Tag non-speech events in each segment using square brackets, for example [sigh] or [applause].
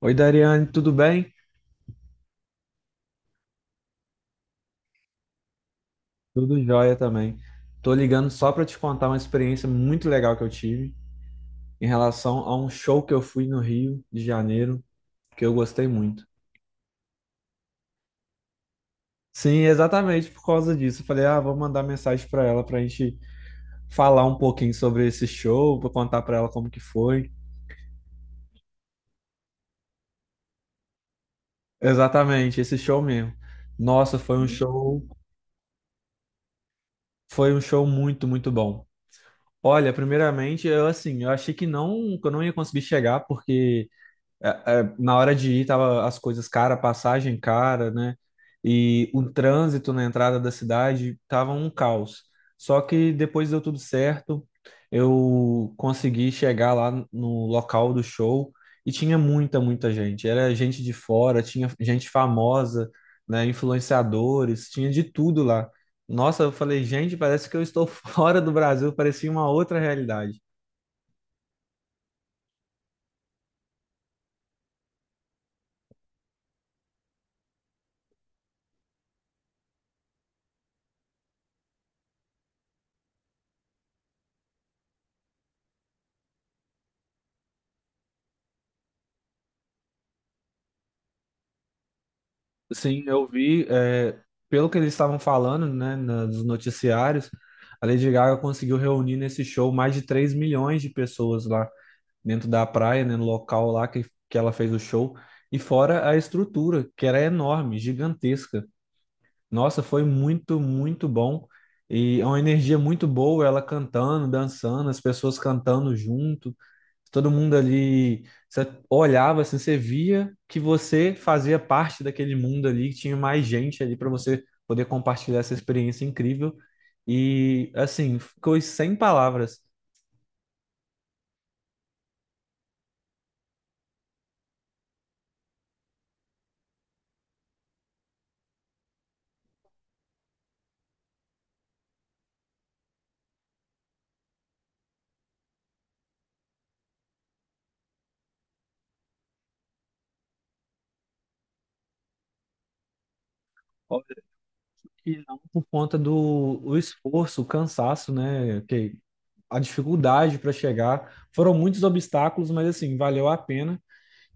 Oi, Dariane, tudo bem? Tudo jóia também. Tô ligando só para te contar uma experiência muito legal que eu tive em relação a um show que eu fui no Rio de Janeiro, que eu gostei muito. Sim, exatamente por causa disso. Eu falei, ah, vou mandar mensagem para ela para a gente falar um pouquinho sobre esse show, para contar para ela como que foi. Exatamente, esse show mesmo. Nossa, foi um show muito, muito bom. Olha, primeiramente, eu assim, eu achei que não, que eu não ia conseguir chegar porque é, na hora de ir, tava as coisas cara, passagem cara, né? E o trânsito na entrada da cidade tava um caos. Só que depois deu tudo certo, eu consegui chegar lá no local do show e tinha muita, muita gente. Era gente de fora, tinha gente famosa, né? Influenciadores, tinha de tudo lá. Nossa, eu falei, gente, parece que eu estou [laughs] fora do Brasil, parecia uma outra realidade. Sim, eu vi, pelo que eles estavam falando, né, nos noticiários, a Lady Gaga conseguiu reunir nesse show mais de 3 milhões de pessoas lá dentro da praia, né, no local lá que ela fez o show, e fora a estrutura, que era enorme, gigantesca. Nossa, foi muito, muito bom. E é uma energia muito boa, ela cantando, dançando, as pessoas cantando junto, todo mundo ali. Você olhava assim, você via que você fazia parte daquele mundo ali, que tinha mais gente ali para você poder compartilhar essa experiência incrível. E assim, ficou sem palavras. Óbvio que não por conta do o esforço, o cansaço, né? Que a dificuldade para chegar. Foram muitos obstáculos, mas assim, valeu a pena.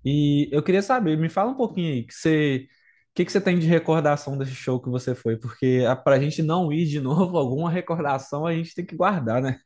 E eu queria saber, me fala um pouquinho aí, que você, o que que você tem de recordação desse show que você foi? Porque a, pra gente não ir de novo, [laughs] alguma recordação a gente tem que guardar, né?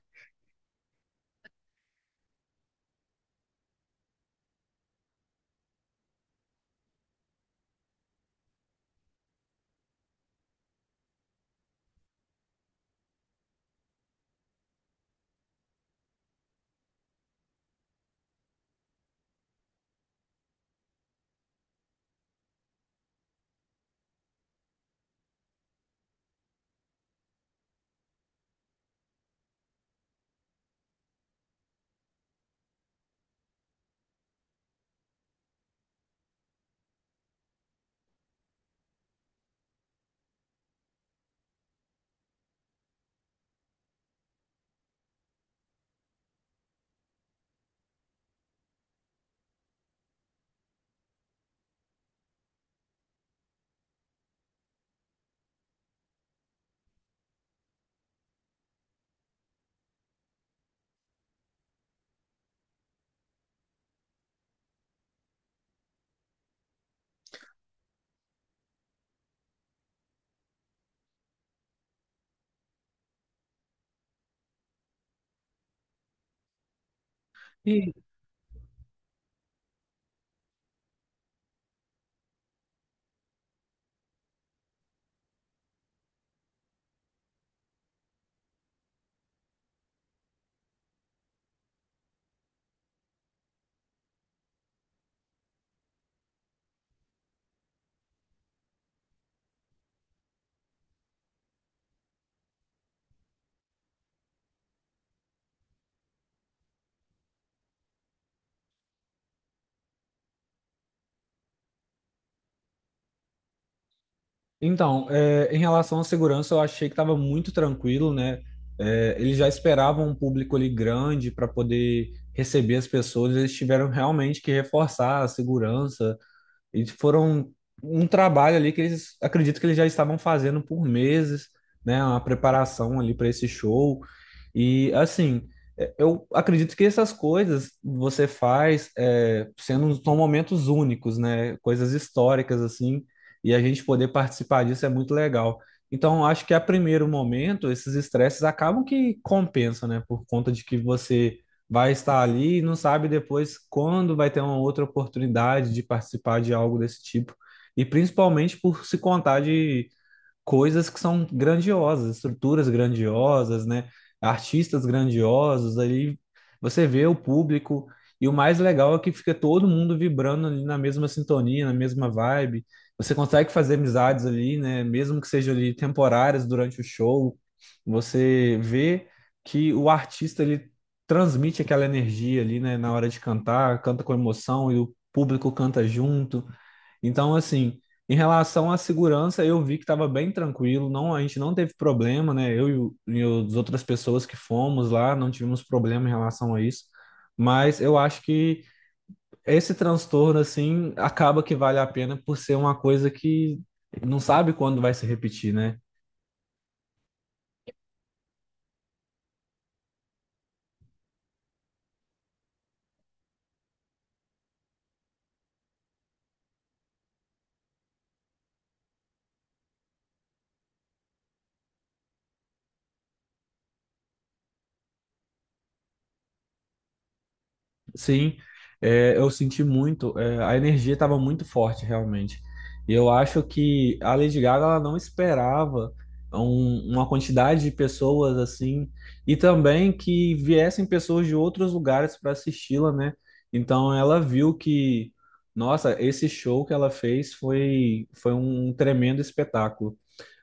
E, então, em relação à segurança, eu achei que estava muito tranquilo, né? É, eles já esperavam um público ali grande para poder receber as pessoas, eles tiveram realmente que reforçar a segurança. E foram um trabalho ali que eles acredito que eles já estavam fazendo por meses, né? Uma preparação ali para esse show. E assim, eu acredito que essas coisas você faz sendo são momentos únicos, né? Coisas históricas assim, e a gente poder participar disso é muito legal. Então, eu acho que a primeiro momento, esses estresses acabam que compensam, né? Por conta de que você vai estar ali e não sabe depois quando vai ter uma outra oportunidade de participar de algo desse tipo. E principalmente por se contar de coisas que são grandiosas, estruturas grandiosas, né? Artistas grandiosos, ali você vê o público e o mais legal é que fica todo mundo vibrando ali na mesma sintonia, na mesma vibe. Você consegue fazer amizades ali, né? Mesmo que sejam ali temporárias durante o show, você vê que o artista ele transmite aquela energia ali, né? Na hora de cantar, canta com emoção e o público canta junto. Então, assim, em relação à segurança, eu vi que estava bem tranquilo, não, a gente não teve problema, né? E as outras pessoas que fomos lá não tivemos problema em relação a isso. Mas eu acho que esse transtorno, assim, acaba que vale a pena por ser uma coisa que não sabe quando vai se repetir, né? Sim, eu senti muito, a energia estava muito forte realmente. E eu acho que a Lady Gaga ela não esperava uma quantidade de pessoas assim, e também que viessem pessoas de outros lugares para assisti-la, né? Então ela viu que, nossa, esse show que ela fez foi um tremendo espetáculo.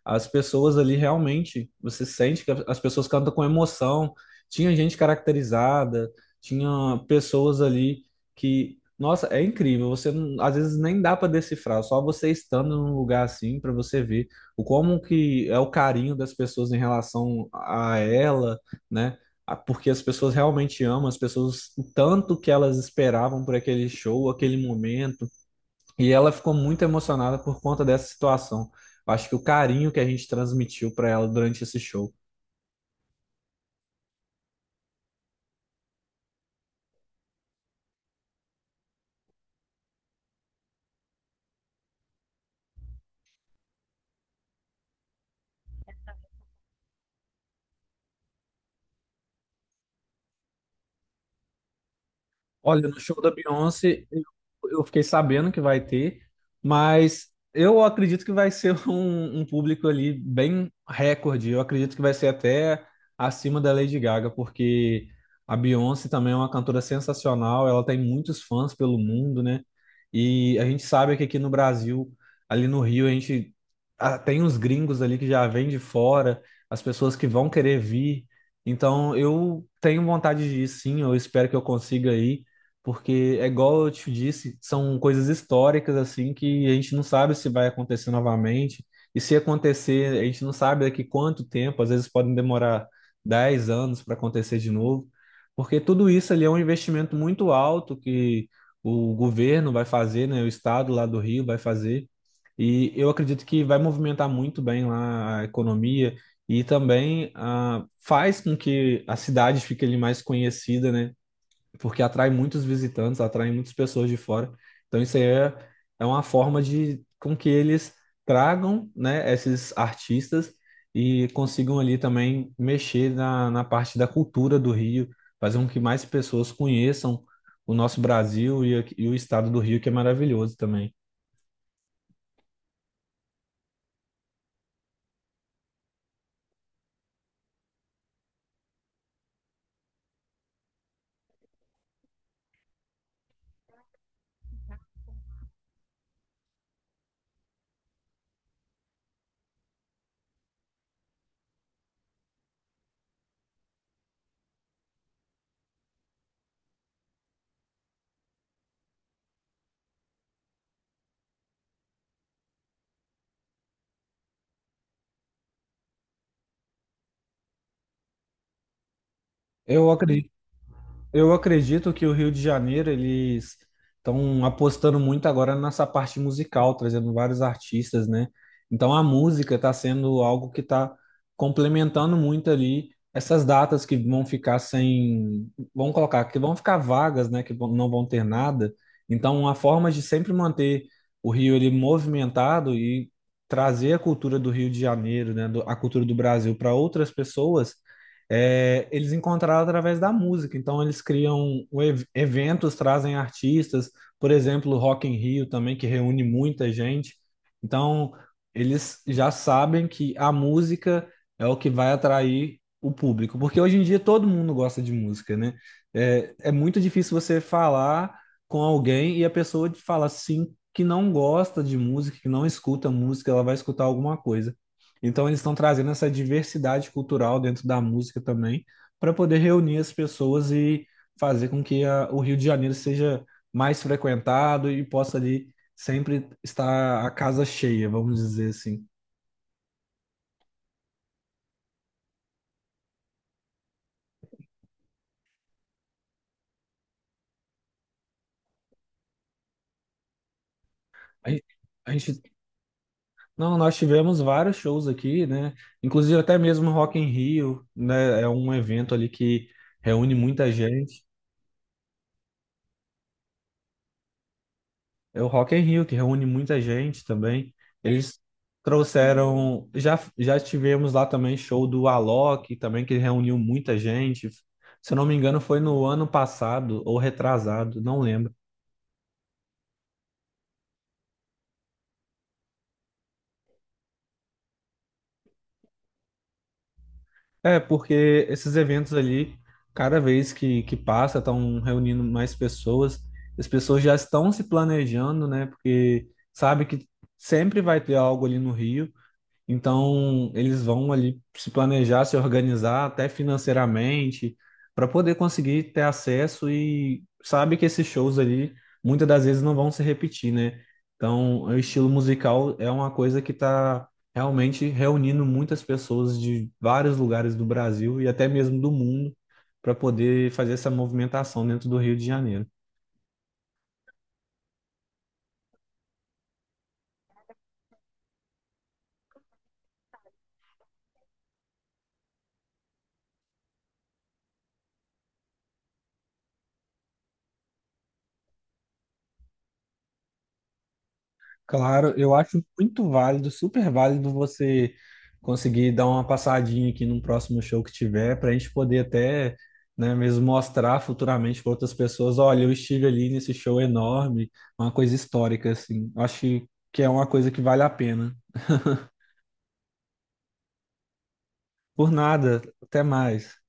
As pessoas ali realmente, você sente que as pessoas cantam com emoção. Tinha gente caracterizada, tinha pessoas ali que, nossa, é incrível. Você não- Às vezes nem dá para decifrar, só você estando num lugar assim para você ver o como que é o carinho das pessoas em relação a ela, né? Porque as pessoas realmente amam, as pessoas, o tanto que elas esperavam por aquele show, aquele momento e ela ficou muito emocionada por conta dessa situação. Eu acho que o carinho que a gente transmitiu para ela durante esse show. Olha, no show da Beyoncé, eu fiquei sabendo que vai ter, mas eu acredito que vai ser [laughs] um público ali bem recorde. Eu acredito que vai ser até acima da Lady Gaga, porque a Beyoncé também é uma cantora sensacional, ela tem muitos fãs pelo mundo, né? E a gente sabe que aqui no Brasil, ali no Rio, a gente ah, tem uns gringos ali que já vêm de fora, as pessoas que vão querer vir. Então, eu tenho vontade de ir sim, eu espero que eu consiga ir porque é igual eu te disse, são coisas históricas assim que a gente não sabe se vai acontecer novamente. E se acontecer, a gente não sabe daqui quanto tempo, às vezes podem demorar 10 anos para acontecer de novo, porque tudo isso ali é um investimento muito alto que o governo vai fazer, né, o estado lá do Rio vai fazer. E eu acredito que vai movimentar muito bem lá a economia e também ah, faz com que a cidade fique ali mais conhecida, né? Porque atrai muitos visitantes, atrai muitas pessoas de fora. Então, isso aí é uma forma de com que eles tragam, né, esses artistas e consigam ali também mexer na parte da cultura do Rio, fazer com que mais pessoas conheçam o nosso Brasil e o estado do Rio, que é maravilhoso também. Eu acredito Eu acredito que o Rio de Janeiro, eles estão apostando muito agora nessa parte musical, trazendo vários artistas, né? Então a música está sendo algo que está complementando muito ali essas datas que vão ficar sem, vamos colocar, que vão ficar vagas, né? Não vão ter nada. Então a forma de sempre manter o Rio ele movimentado e trazer a cultura do Rio de Janeiro, né? A cultura do Brasil para outras pessoas eles encontraram através da música. Então, eles criam eventos, trazem artistas, por exemplo, Rock in Rio também, que reúne muita gente. Então, eles já sabem que a música é o que vai atrair o público, porque hoje em dia todo mundo gosta de música, né? É, é muito difícil você falar com alguém e a pessoa te fala sim que não gosta de música, que não escuta música, ela vai escutar alguma coisa. Então eles estão trazendo essa diversidade cultural dentro da música também, para poder reunir as pessoas e fazer com o Rio de Janeiro seja mais frequentado e possa ali sempre estar a casa cheia, vamos dizer assim. A gente, a gente- não, nós tivemos vários shows aqui, né? Inclusive até mesmo Rock in Rio, né? É um evento ali que reúne muita gente. É o Rock in Rio, que reúne muita gente também. Eles trouxeram. Já tivemos lá também show do Alok, também, que reuniu muita gente. Se eu não me engano, foi no ano passado ou retrasado, não lembro. É, porque esses eventos ali, cada vez que passa, estão reunindo mais pessoas. As pessoas já estão se planejando, né? Porque sabe que sempre vai ter algo ali no Rio. Então, eles vão ali se planejar, se organizar até financeiramente para poder conseguir ter acesso e sabe que esses shows ali muitas das vezes não vão se repetir, né? Então, o estilo musical é uma coisa que está realmente reunindo muitas pessoas de vários lugares do Brasil e até mesmo do mundo para poder fazer essa movimentação dentro do Rio de Janeiro. Claro, eu acho muito válido, super válido você conseguir dar uma passadinha aqui num próximo show que tiver, para a gente poder até, né, mesmo mostrar futuramente para outras pessoas, olha, eu estive ali nesse show enorme, uma coisa histórica, assim. Acho que é uma coisa que vale a pena. [laughs] Por nada, até mais.